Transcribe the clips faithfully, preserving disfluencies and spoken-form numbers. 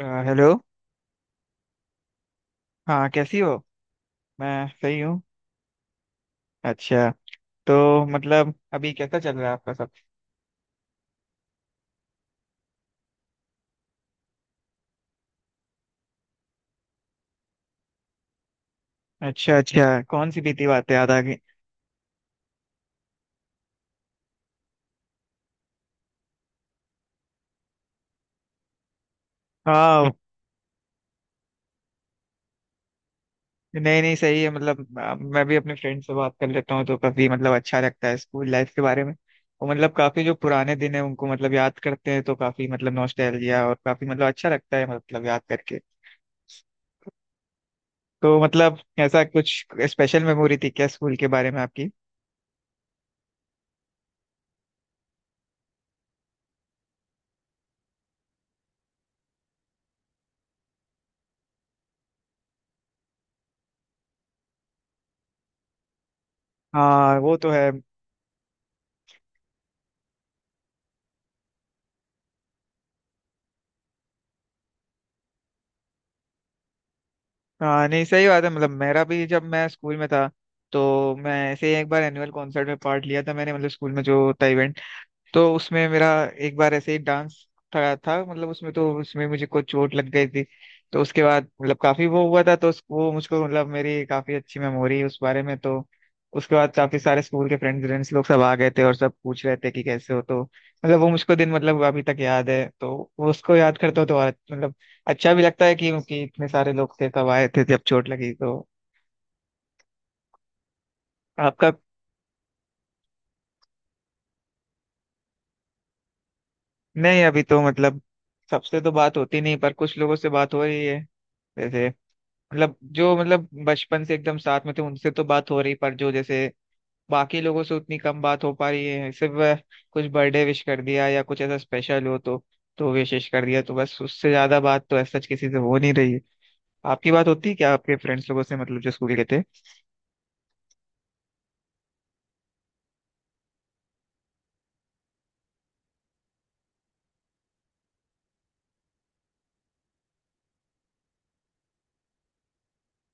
अ, hello. हाँ, कैसी हो। मैं सही हूँ। अच्छा। तो मतलब अभी कैसा चल रहा है आपका सब। अच्छा अच्छा, कौन सी बीती बातें याद आ गई। हाँ। नहीं नहीं सही है मतलब अ, मैं भी अपने फ्रेंड से बात कर लेता हूँ तो काफी मतलब अच्छा लगता है स्कूल लाइफ के बारे में। और मतलब काफी जो पुराने दिन है उनको मतलब याद करते हैं तो काफी मतलब नॉस्टैल्जिया और काफी मतलब अच्छा लगता है मतलब याद करके। तो मतलब ऐसा कुछ स्पेशल मेमोरी थी क्या स्कूल के बारे में आपकी। हाँ वो तो है। हाँ, नहीं सही बात है मतलब मेरा भी जब मैं स्कूल में था तो मैं ऐसे ही एक बार एनुअल कॉन्सर्ट में पार्ट लिया था मैंने, मतलब स्कूल में जो होता, तो उसमें मेरा एक बार ऐसे ही डांस था, था मतलब उसमें, तो उसमें मुझे कुछ चोट लग गई थी। तो उसके बाद मतलब काफी वो हुआ था तो उस, वो मुझको मतलब मेरी काफी अच्छी मेमोरी है उस बारे में। तो उसके बाद काफी सारे स्कूल के फ्रेंड्स फ्रेंड्स लोग सब आ गए थे और सब पूछ रहे थे कि कैसे हो, तो मतलब वो मुझको दिन मतलब अभी तक याद है। तो वो उसको याद करता हूँ तो और मतलब अच्छा भी लगता है कि, कि इतने सारे लोग थे सब आए थे जब चोट लगी तो। आपका। नहीं अभी तो मतलब सबसे तो बात होती नहीं पर कुछ लोगों से बात हो रही है। जैसे मतलब जो मतलब बचपन से एकदम साथ में थे उनसे तो बात हो रही, पर जो जैसे बाकी लोगों से उतनी कम बात हो पा रही है, सिर्फ अ, कुछ बर्थडे विश कर दिया या कुछ ऐसा स्पेशल हो तो तो विशेष कर दिया, तो बस उससे ज्यादा बात तो ऐसा किसी से हो नहीं रही है। आपकी बात होती है क्या आपके फ्रेंड्स लोगों से मतलब जो स्कूल के थे।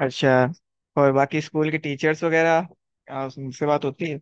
अच्छा। और बाकी स्कूल के टीचर्स वगैरह आ, उनसे बात होती है।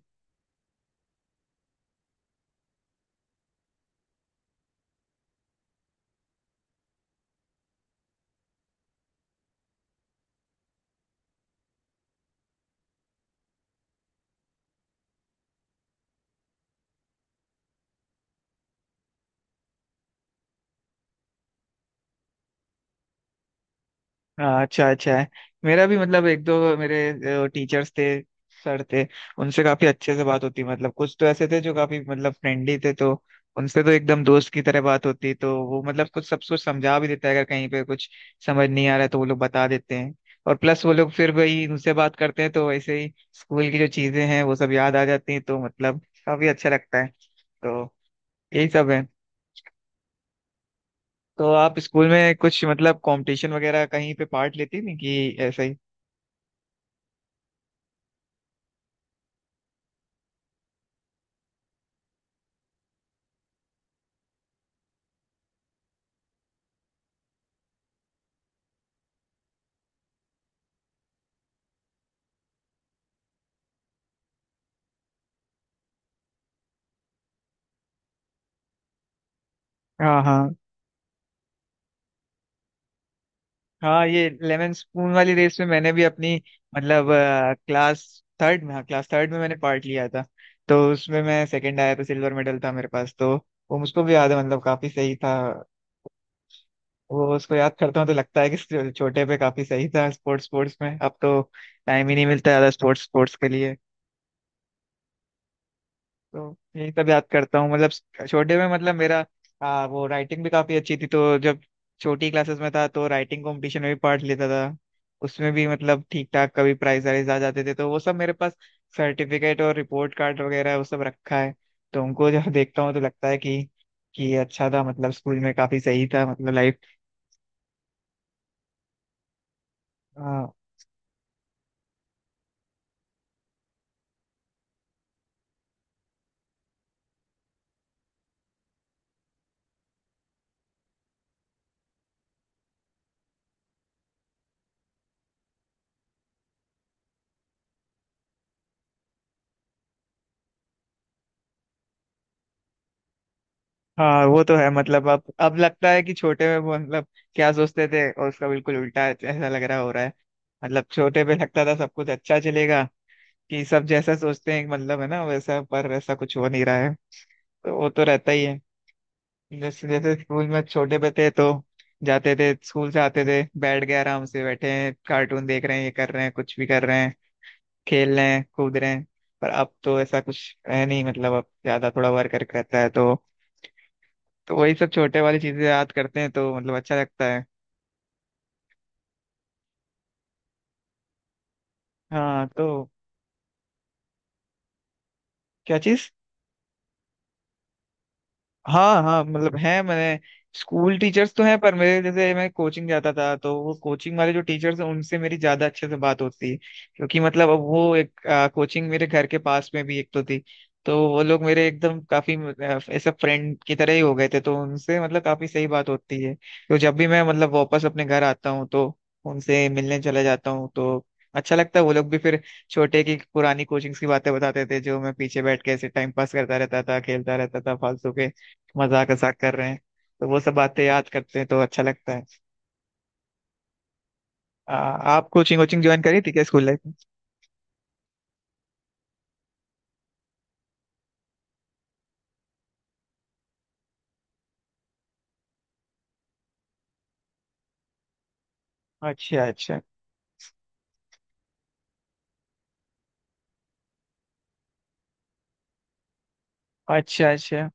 हाँ अच्छा, अच्छा है। मेरा भी मतलब एक दो मेरे टीचर्स थे, सर थे। उनसे काफी अच्छे से बात होती मतलब, कुछ तो ऐसे थे जो काफी मतलब फ्रेंडली थे तो उनसे तो एकदम दोस्त की तरह बात होती। तो वो मतलब कुछ सब कुछ समझा भी देता है अगर कहीं पे कुछ समझ नहीं आ रहा है तो वो लोग बता देते हैं। और प्लस वो लोग फिर वही उनसे बात करते हैं तो वैसे ही स्कूल की जो चीजें हैं वो सब याद आ जाती हैं तो मतलब काफी अच्छा लगता है। तो यही सब है। तो आप स्कूल में कुछ मतलब कंपटीशन वगैरह कहीं पे पार्ट लेती थी कि ऐसा ही। हाँ हाँ हाँ, ये लेमन स्पून वाली रेस में मैंने भी अपनी मतलब क्लास थर्ड में, हाँ, क्लास थर्ड में मैंने पार्ट लिया था। तो उसमें मैं सेकंड आया था, सिल्वर मेडल था मेरे पास। तो वो मुझको भी याद है मतलब, काफी सही था। वो उसको याद करता हूँ तो लगता है कि छो- छोटे पे काफी सही था स्पोर्ट्स स्पोर्ट्स में। अब तो टाइम ही नहीं मिलता ज्यादा स्पोर्ट्स स्पोर्ट्स के लिए। तो यही सब याद करता हूँ मतलब छोटे में मतलब मेरा आ, वो राइटिंग भी काफी अच्छी थी, तो जब छोटी क्लासेस में था तो राइटिंग कंपटीशन में भी पार्ट लेता था। उसमें भी मतलब ठीक ठाक कभी प्राइज वाइज आ जाते थे, तो वो सब मेरे पास सर्टिफिकेट और रिपोर्ट कार्ड वगैरह वो सब रखा है। तो उनको जब देखता हूँ तो लगता है कि कि अच्छा था मतलब स्कूल में काफी सही था मतलब लाइफ। हाँ। हाँ वो तो है मतलब अब अब लगता है कि छोटे में वो मतलब क्या सोचते थे और उसका बिल्कुल उल्टा ऐसा लग रहा हो रहा है। मतलब छोटे पे लगता था सब कुछ अच्छा चलेगा, कि सब जैसा सोचते हैं मतलब है ना वैसा, पर वैसा कुछ हो नहीं रहा है। तो वो तो रहता ही है। जैसे जैसे स्कूल में छोटे पे थे तो जाते थे स्कूल से, आते थे बैठ गए आराम से, बैठे हैं कार्टून देख रहे हैं, ये कर रहे हैं, कुछ भी कर रहे हैं, खेल रहे हैं कूद रहे हैं। पर अब तो ऐसा कुछ है नहीं मतलब, अब ज्यादा थोड़ा वर्क रहता है तो तो वही सब छोटे वाली चीजें याद करते हैं तो मतलब अच्छा लगता है। हाँ तो। क्या चीज। हाँ हाँ मतलब है, मैंने स्कूल टीचर्स तो हैं, पर मेरे जैसे मैं कोचिंग जाता था तो वो कोचिंग वाले जो टीचर्स हैं उनसे मेरी ज्यादा अच्छे से बात होती है, क्योंकि मतलब अब वो एक कोचिंग मेरे घर के पास में भी एक तो थी। तो वो लोग मेरे एकदम काफी अ, ऐसा फ्रेंड की तरह ही हो गए थे तो उनसे मतलब काफी सही बात होती है। तो जब भी मैं मतलब वापस अपने घर आता हूँ तो उनसे मिलने चला जाता हूँ तो अच्छा लगता है। वो लोग भी फिर छोटे की पुरानी कोचिंग्स की बातें बताते थे जो मैं पीछे बैठ के ऐसे टाइम पास करता रहता था, खेलता रहता था फालतू के मजाक वजाक कर रहे हैं। तो वो सब बातें याद करते हैं तो अच्छा लगता है। आ, आप कोचिंग वोचिंग ज्वाइन करी थी क्या स्कूल लाइफ में। अच्छा अच्छा। अच्छा अच्छा।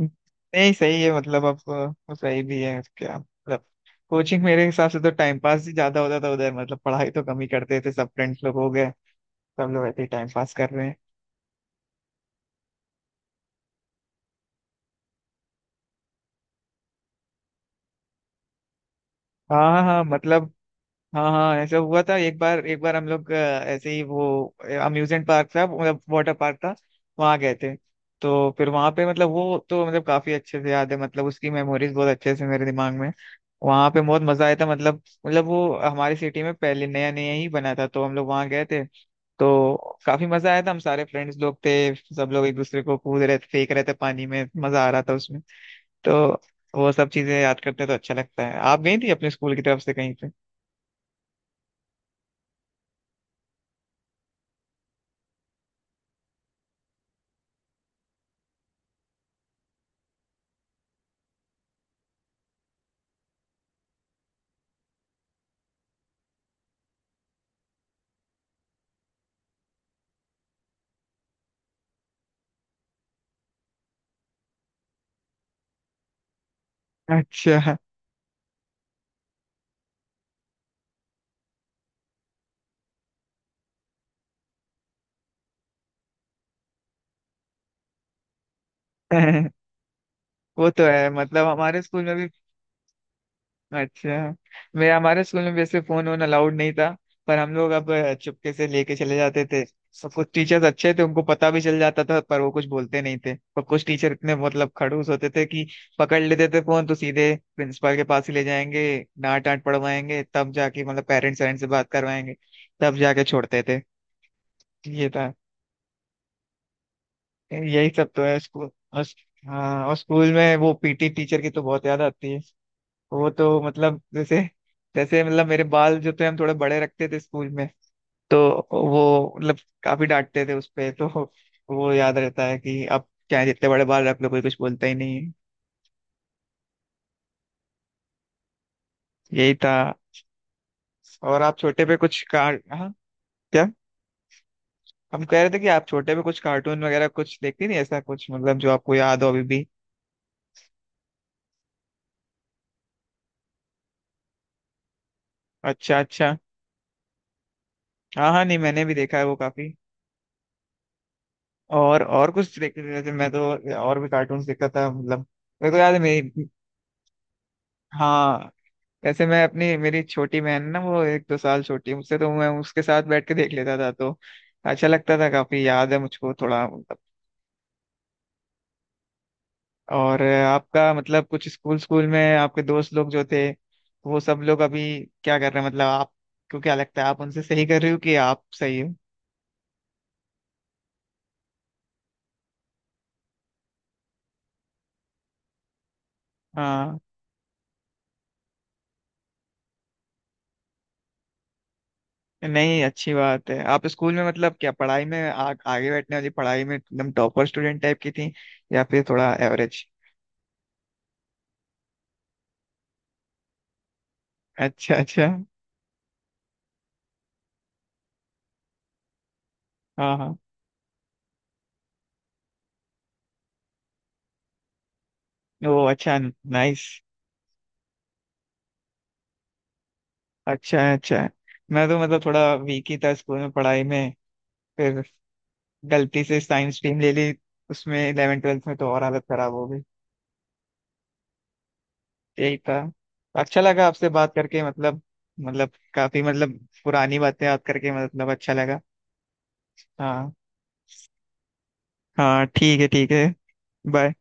नहीं सही है मतलब अब वो सही भी है क्या मतलब कोचिंग मेरे हिसाब से तो टाइम पास ही ज्यादा होता था उधर, मतलब पढ़ाई तो कम ही करते थे, सब फ्रेंड्स लोग हो गए सब लोग ऐसे ही टाइम पास कर रहे हैं। हाँ हाँ हाँ, मतलब हाँ हाँ ऐसा हुआ था। एक बार एक बार हम लोग अ, ऐसे ही वो अम्यूजमेंट पार्क था मतलब वाटर पार्क था, वहाँ गए थे। तो फिर वहाँ पे मतलब वो तो मतलब काफी अच्छे से याद है मतलब उसकी मेमोरीज बहुत अच्छे से मेरे दिमाग में। वहाँ पे बहुत मजा आया था मतलब, मतलब वो हमारी सिटी में पहले नया नया ही बना था तो हम लोग वहाँ गए थे। तो काफी मजा आया था, हम सारे फ्रेंड्स लोग थे, सब लोग एक दूसरे को कूद रहे थे फेंक रहे थे पानी में, मजा आ रहा था उसमें। तो वो सब चीजें याद करते हैं तो अच्छा लगता है। आप गई थी अपने स्कूल की तरफ से कहीं पे। अच्छा। वो तो है मतलब हमारे स्कूल में भी। अच्छा। मेरे हमारे स्कूल में वैसे फोन वोन अलाउड नहीं था, पर हम लोग अब अ, चुपके से लेके चले जाते थे सब कुछ। टीचर्स अच्छे थे, उनको पता भी चल जाता था पर वो कुछ बोलते नहीं थे, पर कुछ टीचर इतने मतलब खड़ूस होते थे कि पकड़ लेते थे फोन तो सीधे प्रिंसिपल के पास ही ले जाएंगे, डांट डांट पड़वाएंगे तब जाके मतलब पेरेंट्स वेरेंट्स से बात करवाएंगे, तब जाके छोड़ते थे। ये था। यही सब तो है स्कूल और-। हाँ और स्कूल में वो पीटी टीचर की तो बहुत याद आती है। वो तो मतलब जैसे जैसे मतलब मेरे बाल जो थे हम थोड़े बड़े रखते थे स्कूल में तो वो मतलब काफी डांटते थे उस पे। तो वो याद रहता है कि अब क्या है, जितने बड़े बाल रख लो कोई कुछ बोलता ही नहीं है। यही था। और आप छोटे पे कुछ कार, हाँ। क्या। हम कह रहे थे कि आप छोटे पे कुछ कार्टून वगैरह कुछ देखती थी ऐसा कुछ मतलब जो आपको याद हो अभी भी। अच्छा अच्छा। हाँ हाँ, नहीं मैंने भी देखा है वो, काफी। और और कुछ देखते थे जैसे मैं तो और भी कार्टून देखता था मतलब। मेरे को याद है मेरी, हाँ। वैसे मैं अपनी, मेरी छोटी बहन है ना वो एक दो साल छोटी है मुझसे तो मैं उसके साथ बैठ के देख लेता था, तो अच्छा लगता था, काफी याद है मुझको थोड़ा मतलब। और आपका मतलब कुछ स्कूल स्कूल में आपके दोस्त लोग जो थे वो सब लोग अभी क्या कर रहे हैं, मतलब आपको क्या लगता है आप उनसे सही कर रही हो कि आप सही हो। हाँ। नहीं अच्छी बात है। आप स्कूल में मतलब क्या पढ़ाई में आ, आगे बैठने वाली पढ़ाई में एकदम टॉपर स्टूडेंट टाइप की थी या फिर थोड़ा एवरेज। अच्छा अच्छा। हाँ हाँ। वो अच्छा, नाइस। अच्छा है, अच्छा है। मैं तो मतलब थोड़ा वीक ही था स्कूल में पढ़ाई में। फिर गलती से साइंस स्ट्रीम ले ली उसमें, इलेवन ट्वेल्थ में तो और हालत खराब हो गई। यही था। अच्छा लगा आपसे बात करके मतलब, मतलब काफी मतलब पुरानी बातें याद करके मतलब अच्छा लगा। हाँ। हाँ ठीक है, ठीक है। बाय।